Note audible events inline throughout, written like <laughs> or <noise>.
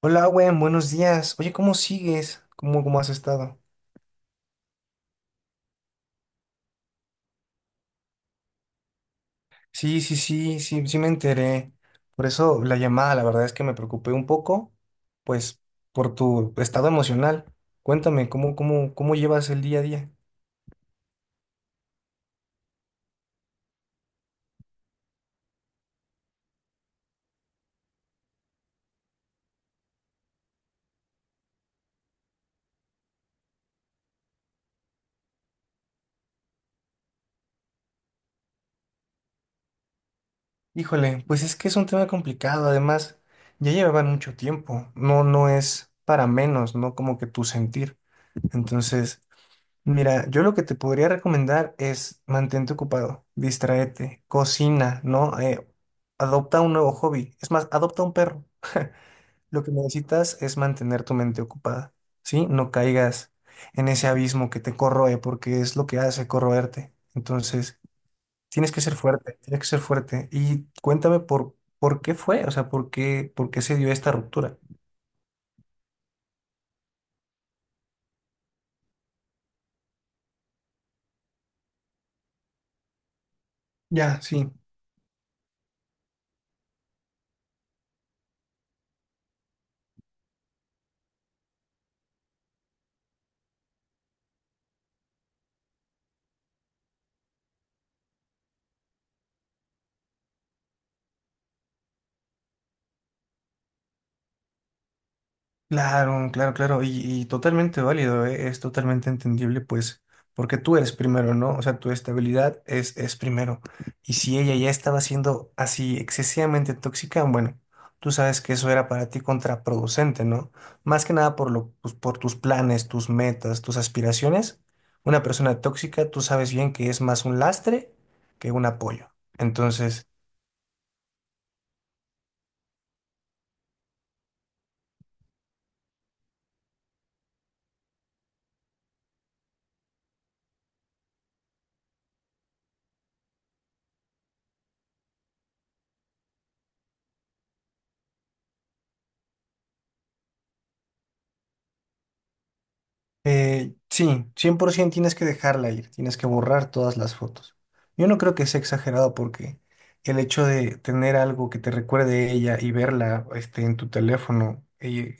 Hola, Owen, buenos días. Oye, ¿cómo sigues? ¿Cómo has estado? Sí, sí, sí, sí, sí me enteré. Por eso la llamada, la verdad es que me preocupé un poco, pues, por tu estado emocional. Cuéntame, ¿cómo llevas el día a día? Híjole, pues es que es un tema complicado. Además, ya llevaban mucho tiempo. No, no es para menos, ¿no? Como que tu sentir. Entonces, mira, yo lo que te podría recomendar es mantente ocupado, distraete, cocina, ¿no? Adopta un nuevo hobby. Es más, adopta un perro. <laughs> Lo que necesitas es mantener tu mente ocupada, ¿sí? No caigas en ese abismo que te corroe, porque es lo que hace corroerte. Entonces, tienes que ser fuerte, tienes que ser fuerte. Y cuéntame por qué fue, o sea, por qué se dio esta ruptura. Ya, sí. Claro, claro, claro, y totalmente válido, ¿eh? Es totalmente entendible, pues, porque tú eres primero, ¿no? O sea, tu estabilidad es primero. Y si ella ya estaba siendo así excesivamente tóxica, bueno, tú sabes que eso era para ti contraproducente, ¿no? Más que nada por lo, pues, por tus planes, tus metas, tus aspiraciones. Una persona tóxica, tú sabes bien que es más un lastre que un apoyo. Entonces... sí, 100% tienes que dejarla ir, tienes que borrar todas las fotos. Yo no creo que sea exagerado porque el hecho de tener algo que te recuerde a ella y verla este, en tu teléfono,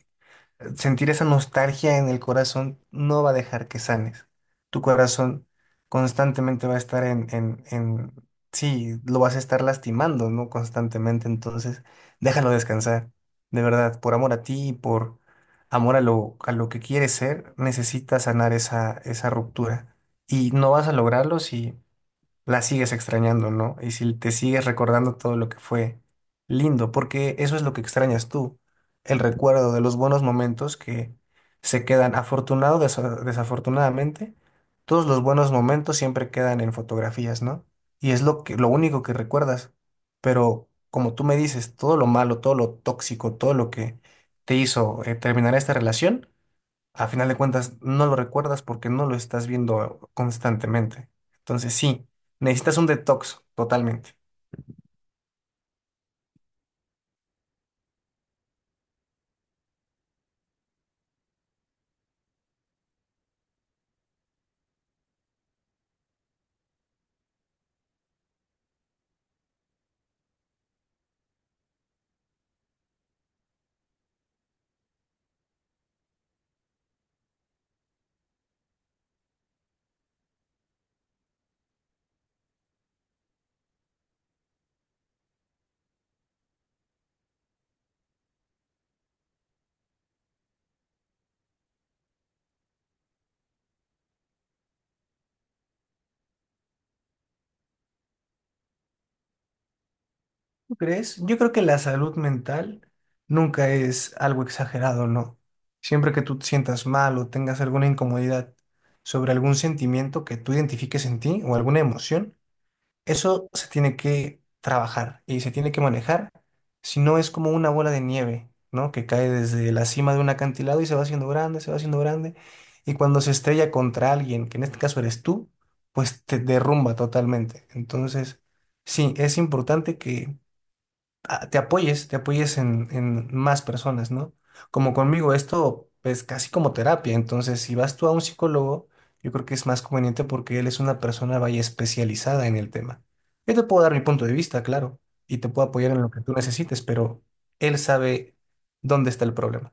sentir esa nostalgia en el corazón no va a dejar que sanes. Tu corazón constantemente va a estar en... Sí, lo vas a estar lastimando, ¿no? Constantemente. Entonces, déjalo descansar. De verdad, por amor a ti y por amor a lo que quieres ser, necesitas sanar esa, esa ruptura. Y no vas a lograrlo si la sigues extrañando, ¿no? Y si te sigues recordando todo lo que fue lindo, porque eso es lo que extrañas tú, el recuerdo de los buenos momentos que se quedan afortunado, desafortunadamente, todos los buenos momentos siempre quedan en fotografías, ¿no? Y es lo lo único que recuerdas. Pero como tú me dices, todo lo malo, todo lo tóxico, todo lo que te hizo terminar esta relación a final de cuentas no lo recuerdas porque no lo estás viendo constantemente. Entonces sí, necesitas un detox totalmente. ¿Tú crees? Yo creo que la salud mental nunca es algo exagerado, ¿no? Siempre que tú te sientas mal o tengas alguna incomodidad sobre algún sentimiento que tú identifiques en ti o alguna emoción, eso se tiene que trabajar y se tiene que manejar, si no es como una bola de nieve, ¿no? Que cae desde la cima de un acantilado y se va haciendo grande, se va haciendo grande, y cuando se estrella contra alguien, que en este caso eres tú, pues te derrumba totalmente. Entonces, sí, es importante que te apoyes en más personas, ¿no? Como conmigo, esto es casi como terapia, entonces si vas tú a un psicólogo, yo creo que es más conveniente porque él es una persona vaya especializada en el tema. Yo te puedo dar mi punto de vista, claro, y te puedo apoyar en lo que tú necesites, pero él sabe dónde está el problema.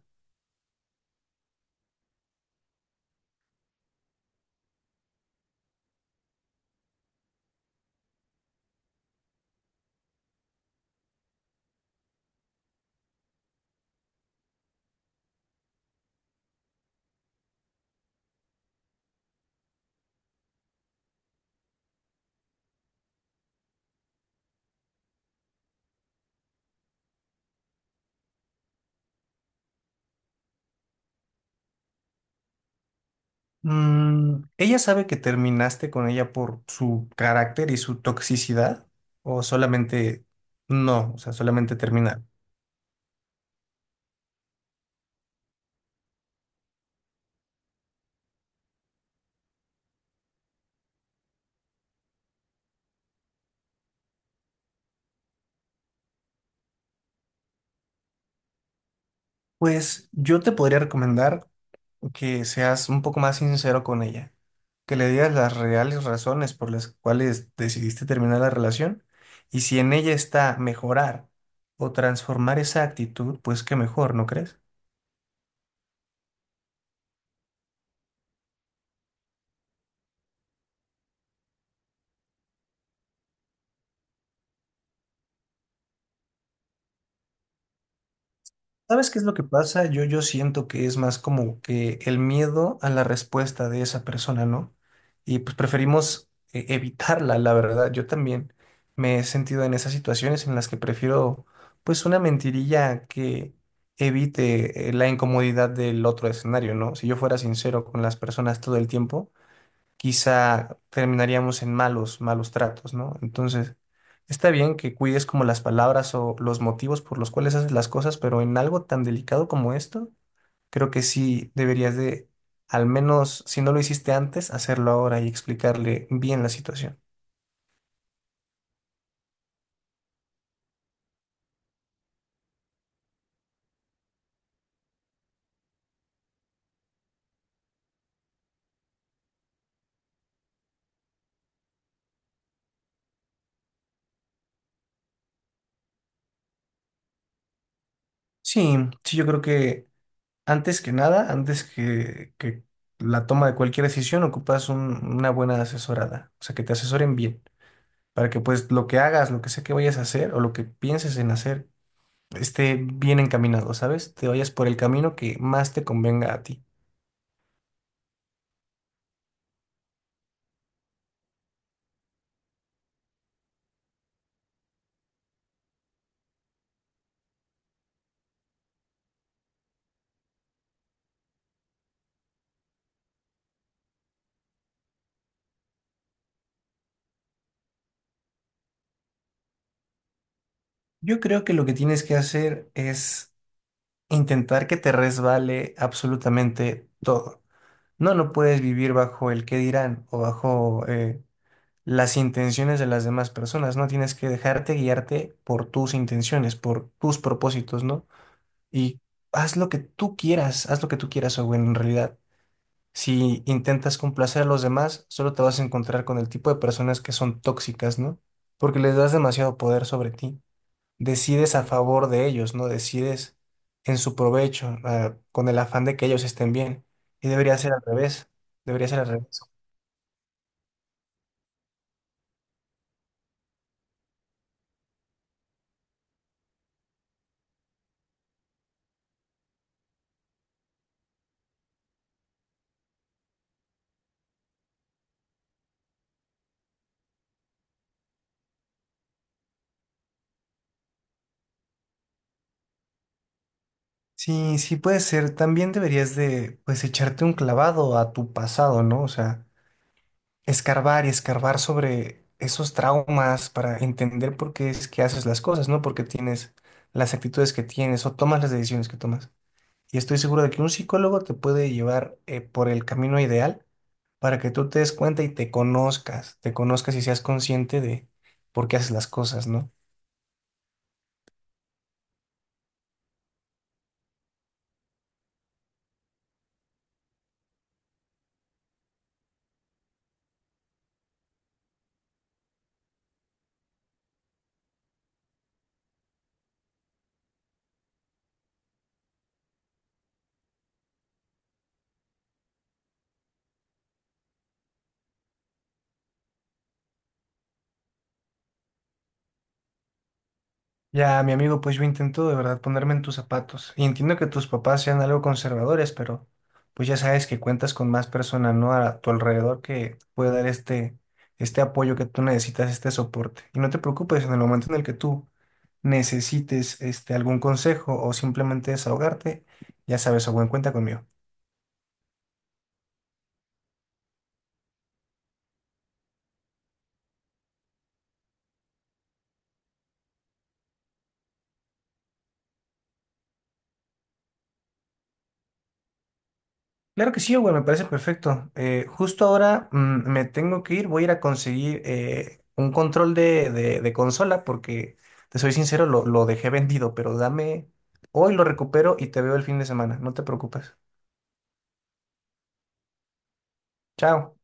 Mm, ¿ella sabe que terminaste con ella por su carácter y su toxicidad? ¿O solamente no? O sea, solamente terminar. Pues yo te podría recomendar que seas un poco más sincero con ella, que le digas las reales razones por las cuales decidiste terminar la relación y si en ella está mejorar o transformar esa actitud, pues qué mejor, ¿no crees? ¿Sabes qué es lo que pasa? Yo siento que es más como que el miedo a la respuesta de esa persona, ¿no? Y pues preferimos evitarla, la verdad. Yo también me he sentido en esas situaciones en las que prefiero pues una mentirilla que evite la incomodidad del otro escenario, ¿no? Si yo fuera sincero con las personas todo el tiempo, quizá terminaríamos en malos, malos tratos, ¿no? Entonces, está bien que cuides como las palabras o los motivos por los cuales haces las cosas, pero en algo tan delicado como esto, creo que sí deberías de, al menos si no lo hiciste antes, hacerlo ahora y explicarle bien la situación. Sí, sí, yo creo que antes que nada, antes que la toma de cualquier decisión, ocupas una buena asesorada, o sea, que te asesoren bien, para que pues lo que hagas, lo que sea que vayas a hacer o lo que pienses en hacer, esté bien encaminado, ¿sabes? Te vayas por el camino que más te convenga a ti. Yo creo que lo que tienes que hacer es intentar que te resbale absolutamente todo. No, no puedes vivir bajo el qué dirán o bajo las intenciones de las demás personas, ¿no? Tienes que dejarte guiarte por tus intenciones, por tus propósitos, ¿no? Y haz lo que tú quieras, haz lo que tú quieras, o en realidad. Si intentas complacer a los demás, solo te vas a encontrar con el tipo de personas que son tóxicas, ¿no? Porque les das demasiado poder sobre ti. Decides a favor de ellos, ¿no? Decides en su provecho, ah, con el afán de que ellos estén bien. Y debería ser al revés. Debería ser al revés. Sí, sí puede ser. También deberías de, pues, echarte un clavado a tu pasado, ¿no? O sea, escarbar y escarbar sobre esos traumas para entender por qué es que haces las cosas, ¿no? Porque tienes las actitudes que tienes o tomas las decisiones que tomas. Y estoy seguro de que un psicólogo te puede llevar por el camino ideal para que tú te des cuenta y te conozcas y seas consciente de por qué haces las cosas, ¿no? Ya, mi amigo, pues yo intento de verdad ponerme en tus zapatos. Y entiendo que tus papás sean algo conservadores, pero pues ya sabes que cuentas con más personas, ¿no? A tu alrededor que te puede dar este, este apoyo que tú necesitas, este soporte. Y no te preocupes, en el momento en el que tú necesites este, algún consejo o simplemente desahogarte, ya sabes, a buen cuenta conmigo. Claro que sí, güey, me parece perfecto. Justo ahora mm, me tengo que ir, voy a ir a conseguir un control de, de consola porque, te soy sincero, lo dejé <laughs> vendido, pero dame, hoy lo recupero y te veo el fin de semana, no te preocupes. Chao.